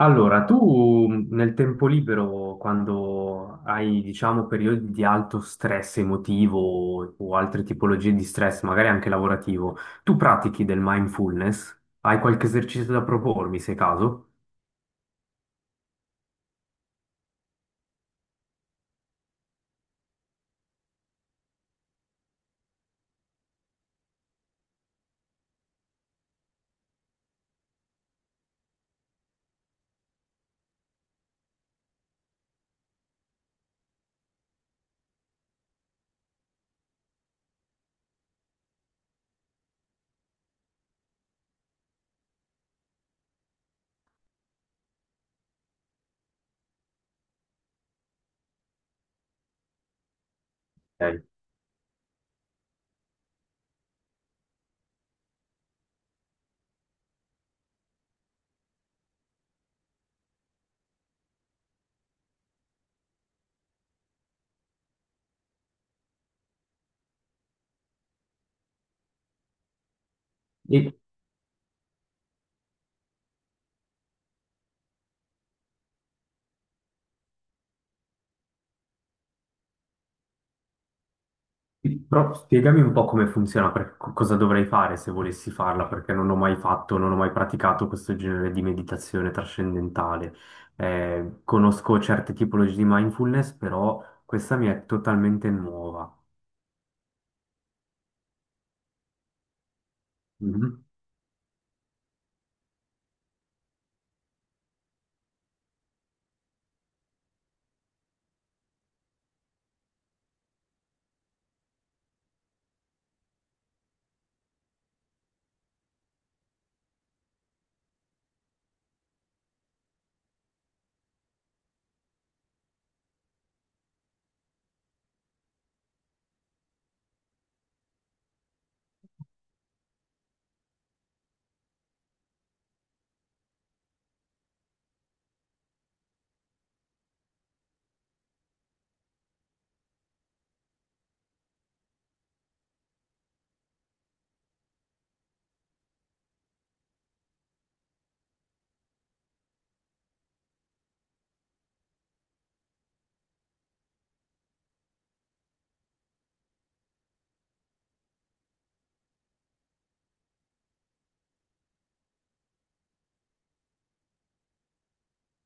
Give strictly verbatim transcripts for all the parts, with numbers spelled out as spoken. Allora, tu mh, nel tempo libero, quando hai, diciamo, periodi di alto stress emotivo o altre tipologie di stress, magari anche lavorativo, tu pratichi del mindfulness? Hai qualche esercizio da propormi, se caso? Ok. E, e- però spiegami un po' come funziona, per- co- cosa dovrei fare se volessi farla, perché non ho mai fatto, non ho mai praticato questo genere di meditazione trascendentale. Eh, conosco certe tipologie di mindfulness, però questa mi è totalmente nuova. Mhm.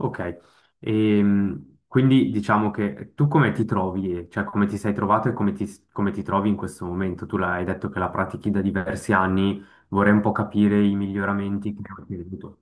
Ok. Ehm, quindi diciamo che tu come ti trovi, cioè come ti sei trovato e come ti, come ti trovi in questo momento? Tu l'hai detto che la pratichi da diversi anni, vorrei un po' capire i miglioramenti che hai ottenuto.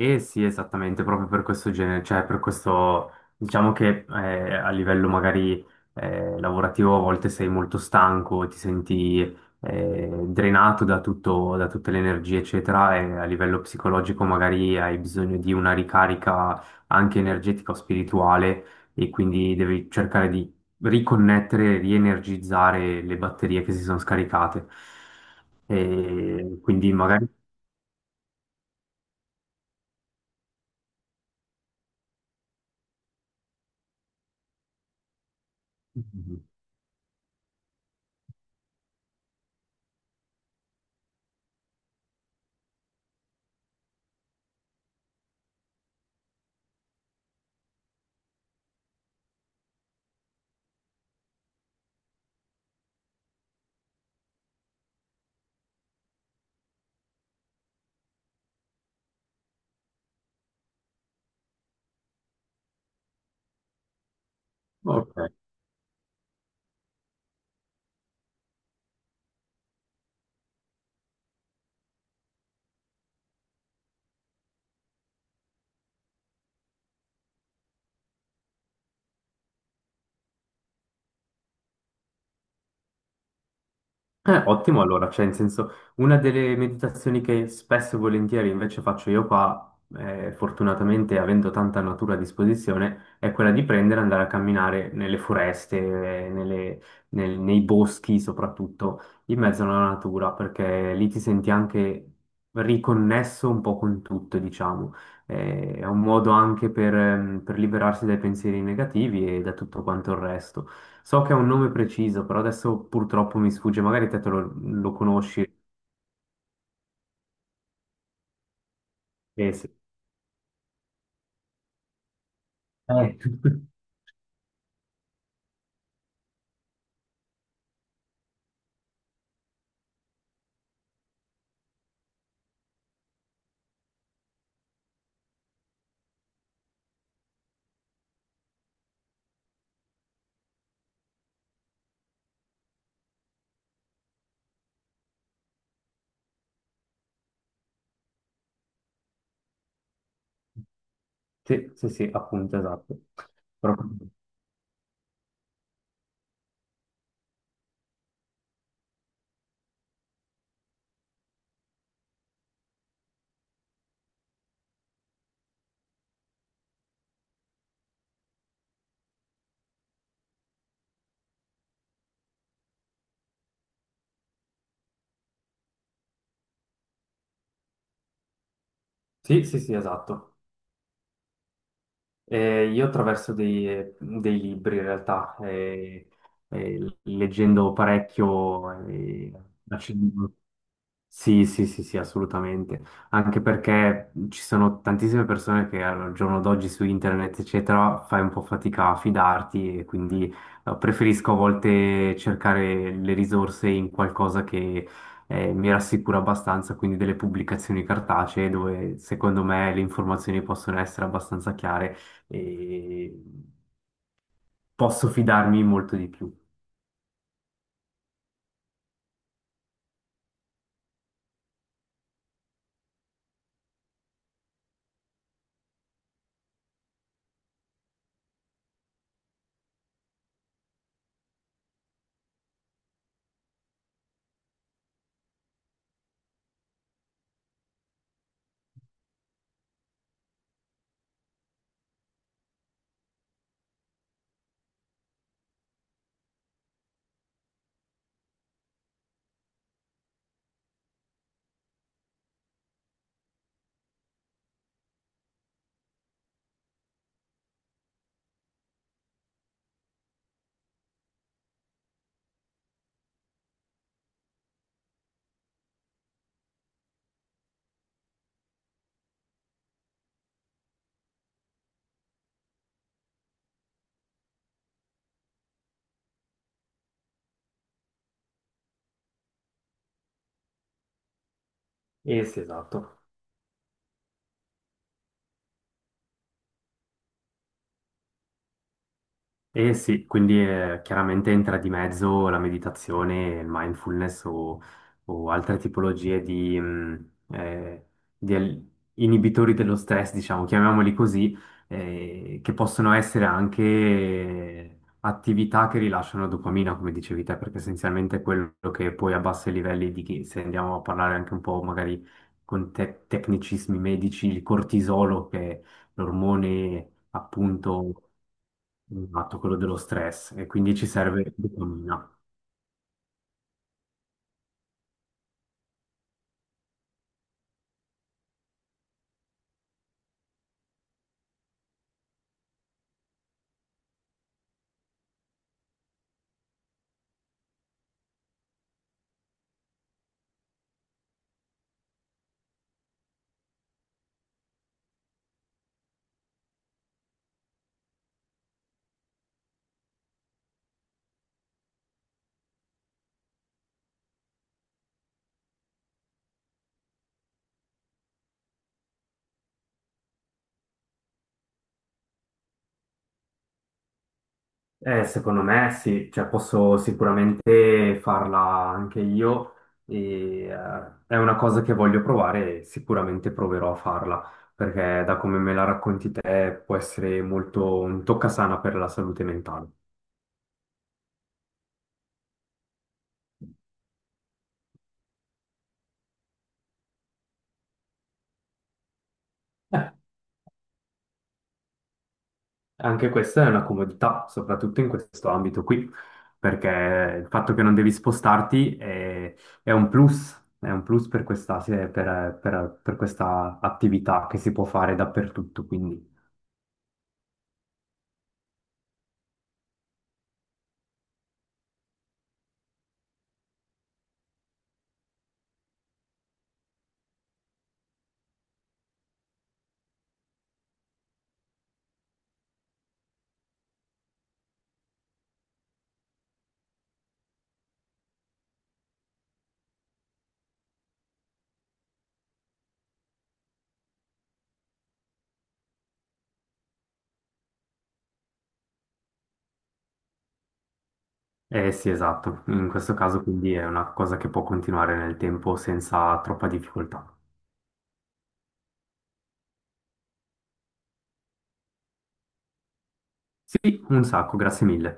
Eh sì, esattamente, proprio per questo genere, cioè per questo, diciamo che eh, a livello magari eh, lavorativo a volte sei molto stanco, ti senti eh, drenato da tutto, da tutte le energie, eccetera, e a livello psicologico magari hai bisogno di una ricarica anche energetica o spirituale e quindi devi cercare di riconnettere, rienergizzare le batterie che si sono scaricate. E quindi magari... Ok. Ok. Eh, ottimo, allora, cioè, in senso, una delle meditazioni che spesso e volentieri invece faccio io qua, eh, fortunatamente avendo tanta natura a disposizione, è quella di prendere e andare a camminare nelle foreste, eh, nelle- nel- nei boschi soprattutto, in mezzo alla natura, perché lì ti senti anche riconnesso un po' con tutto, diciamo. Eh, è un modo anche per, ehm, per liberarsi dai pensieri negativi e da tutto quanto il resto. So che è un nome preciso, però adesso purtroppo mi sfugge, magari te, te lo, lo conosci. Eh, sì. Eh, Eh, sì, sì, sì, appunto, esatto. Proprio- Sì, sì, sì, esatto. Eh, io attraverso dei, dei libri in realtà, eh, eh, leggendo parecchio, eh, sì, sì, sì, sì, assolutamente. Anche perché ci sono tantissime persone che al giorno d'oggi su internet, eccetera, fai un po' fatica a fidarti e quindi eh, preferisco a volte cercare le risorse in qualcosa che eh, mi rassicura abbastanza, quindi delle pubblicazioni cartacee dove secondo me le informazioni possono essere abbastanza chiare e posso fidarmi molto di più. Eh sì, esatto. Eh sì, quindi eh, chiaramente entra di mezzo la meditazione, il mindfulness o, o altre tipologie di, mh, eh, di al- inibitori dello stress, diciamo, chiamiamoli così, eh, che possono essere anche eh, attività che rilasciano dopamina, come dicevi te, perché essenzialmente è quello che poi a bassi livelli di chi, se andiamo a parlare anche un po' magari con te- tecnicismi medici, il cortisolo, che è l'ormone appunto. Esatto, quello dello stress e quindi ci serve dopamina. Eh, secondo me sì, cioè posso sicuramente farla anche io e eh, è una cosa che voglio provare e sicuramente proverò a farla, perché da come me la racconti te può essere molto un toccasana per la salute mentale. Anche questa è una comodità, soprattutto in questo ambito qui, perché il fatto che non devi spostarti è, è un plus, è un plus per questa, sì, per, per- per questa attività che si può fare dappertutto, quindi. Eh sì, esatto, in questo caso quindi è una cosa che può continuare nel tempo senza troppa difficoltà. Sì, un sacco, grazie mille.